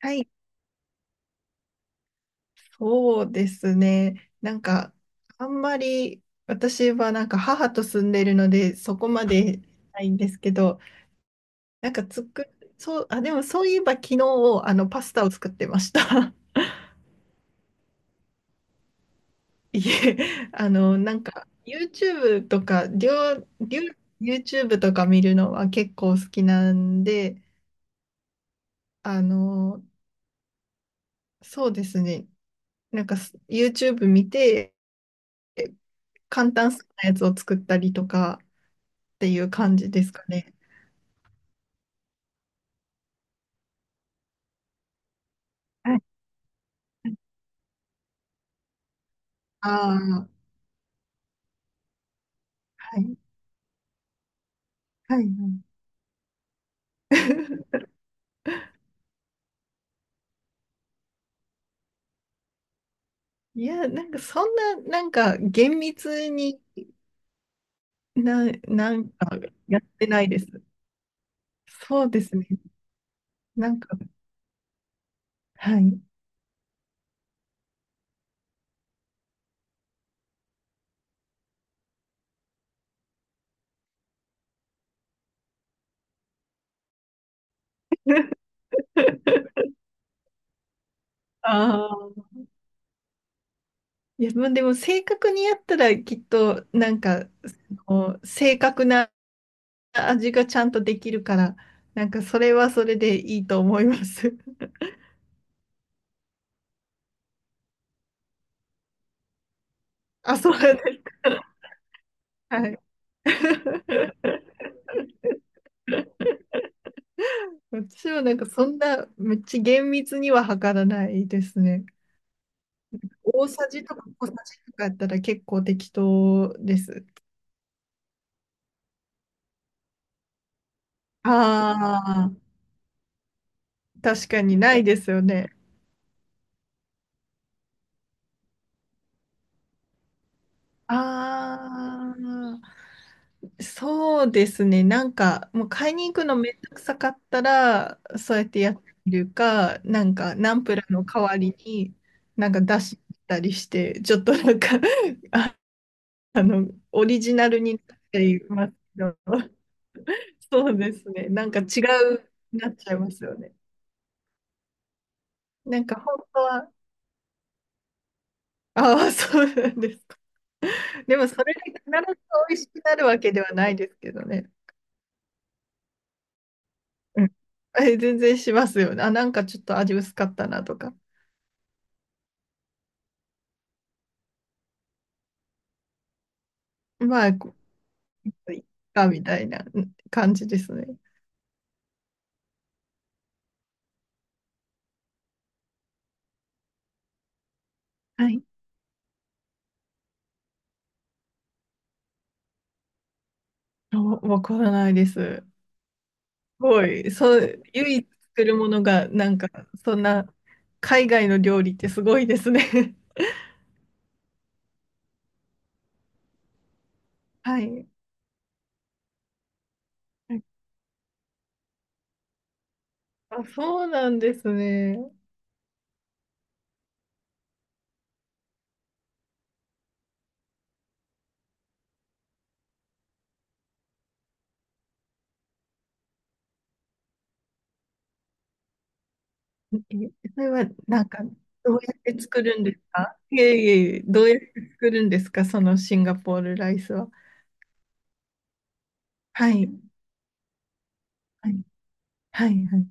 はい、そうですね。なんか、あんまり私はなんか母と住んでるので、そこまでないんですけど、なんかつく、そう、あ、でもそういえば昨日、パスタを作ってました。いえ、なんか、YouTube とか、りょうりょう YouTube とか見るのは結構好きなんで、あの、そうですね。なんか、YouTube 見て、簡単そうなやつを作ったりとかっていう感じですかね。はい。ああ、はい、はい、はい。いや、なんかそんな、なんか厳密になんかやってないです。そうですね。なんか、はい。ああ。いや、まあでも正確にやったらきっと、なんか、その正確な味がちゃんとできるから、なんかそれはそれでいいと思います。あ、そうなんです。はい。私はなんかそんなめっちゃ厳密には測らないですね。大さじとか小さじとかやったら結構適当です。ああ、確かにないですよね。ああ、そうですね。なんかもう買いに行くのめんどくさかったら、そうやってやってみるか、なんかナンプラーの代わりになんか出したりして、ちょっとなんか あ、オリジナルになっていますけど。そうですね。なんか違うなっちゃいますよね。なんか本当は、ああ、そうなんですか？でもそれが必ず美味しくなるわけではないですけどね。うん。え、全然しますよね。あ、なんかちょっと味薄かったなとか。まあ、こういっかみたいなうん感じですね。はい。あ、わからないです。すごい。そう、唯一作るものが、なんか、そんな、海外の料理ってすごいですね。はい。あ、そうなんですね。え、それはなんか、どうやって作るんですか？いえいえいえ、どうやって作るんですかそのシンガポールライスは？はい、はい、はい、はい。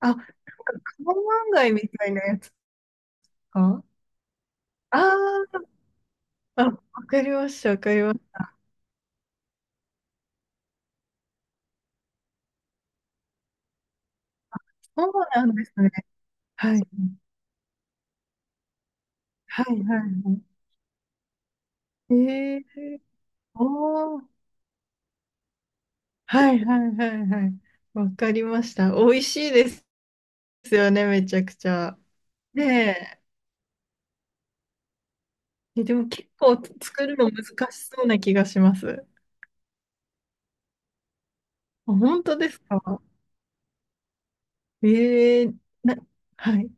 あ、なんかカオマンガイみたいなやつかあーあ、わかりました、わかりました。そうなんですね。はい、はい、はい。はいおー、はい、はい、はい、はい。わかりました。美味しいですよね、めちゃくちゃ。ねえ。え、でも結構作るの難しそうな気がします。あ、本当ですか？ええな、はい。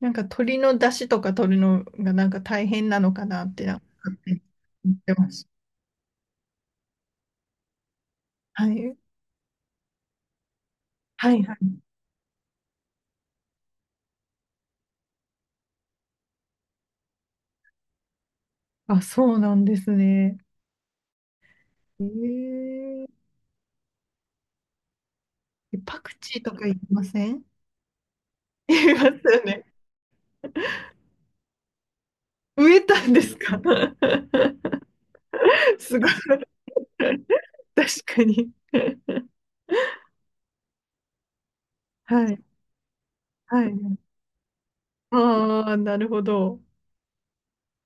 なんか鶏の出汁とか取るのがなんか大変なのかなってなんか勝手に思ってました。はい。はいはい。あ、そうなんですね。ええ、パクチーとかいりません？ いりますよね。植えたんですか？ すごい。確かに。はい。はい。ああ、なるほど。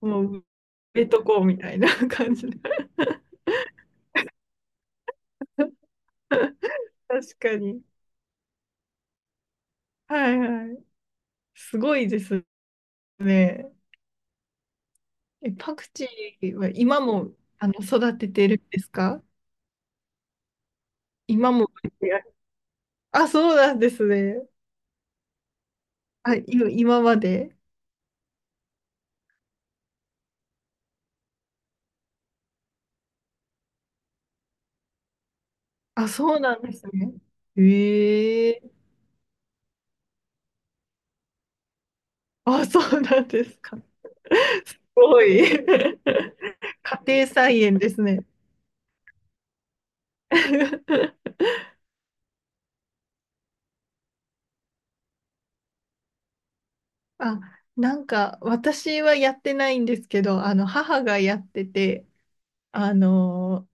もう、埋めとこうみたいな感じで。確かに。はいはい。すごいです。え、パクチーは今も、育ててるんですか今も？あ、そうなんですね。あ、今まで。あ、そうなんですね。ええ、あ、そうなんですか？すごい。家庭菜園ですね。あ、なんか私はやってないんですけど、あの母がやってて、あの、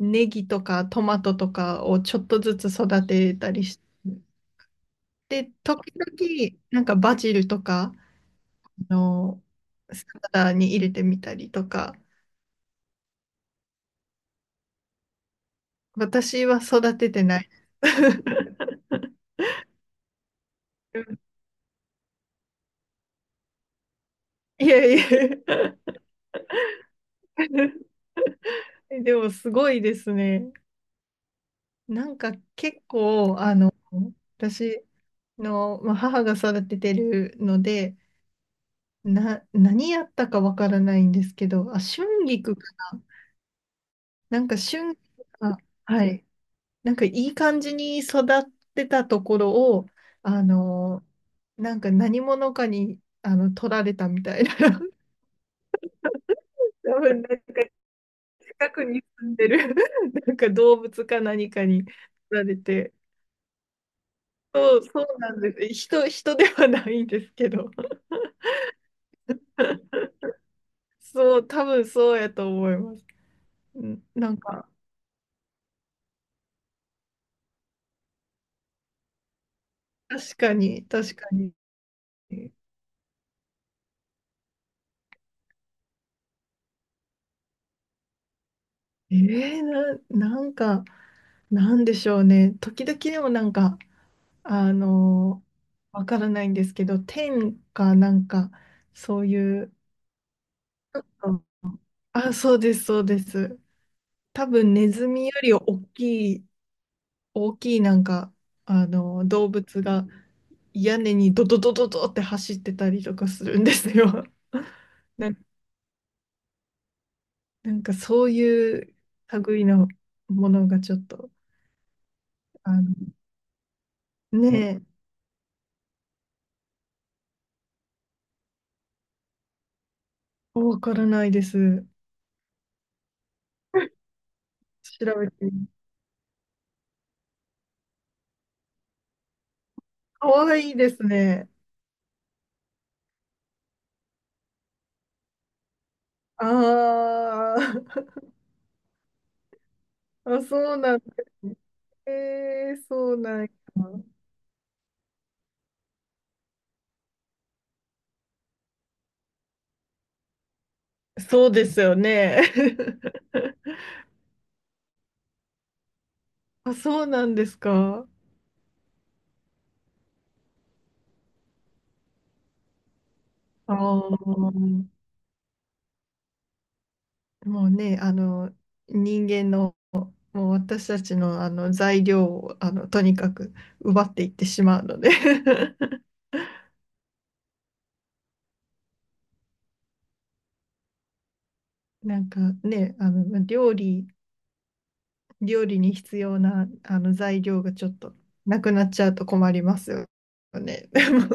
ネギとかトマトとかをちょっとずつ育てたりして、で時々、なんかバジルとか、の、サラダに入れてみたりとか、私は育ててない。いやいや でもすごいですね。なんか結構、私の、まあ、母が育ててるので、何やったかわからないんですけど、あ、春菊かなんかあ、はい。なんかいい感じに育ってたところを、あの、なんか何者かに、取られたみたいな。多分ね、近くに住んでる なんか動物か何かに取られて、そう、そうなんです。人ではないんですけど、そう、多分そうやと思います。うん、なんか、確かに、確かに。えー、なんか、なんでしょうね。時々でもなんか、あの、わからないんですけど、天かなんか、そういう、うん、あ、そうです、そうです。多分ネズミより大きいなんか、動物が屋根にドドドドドって走ってたりとかするんですよ。な、なんかそういう類のものがちょっと、あの、ねえ、わからないです。調べてみ、かわいいですね。ああ。あ、そうなんですね。そうなん。そうですよね。あ、そうなんですか？ああ、もうね、人間の、もう私たちの、あの材料を、とにかく奪っていってしまうので なんかね、料理に必要な、材料がちょっとなくなっちゃうと困りますよね。でも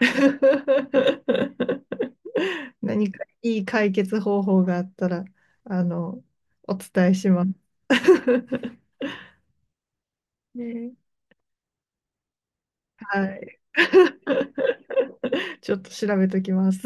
何かいい解決方法があったら、あの、お伝えします。ね、はい。ちょっと調べときます。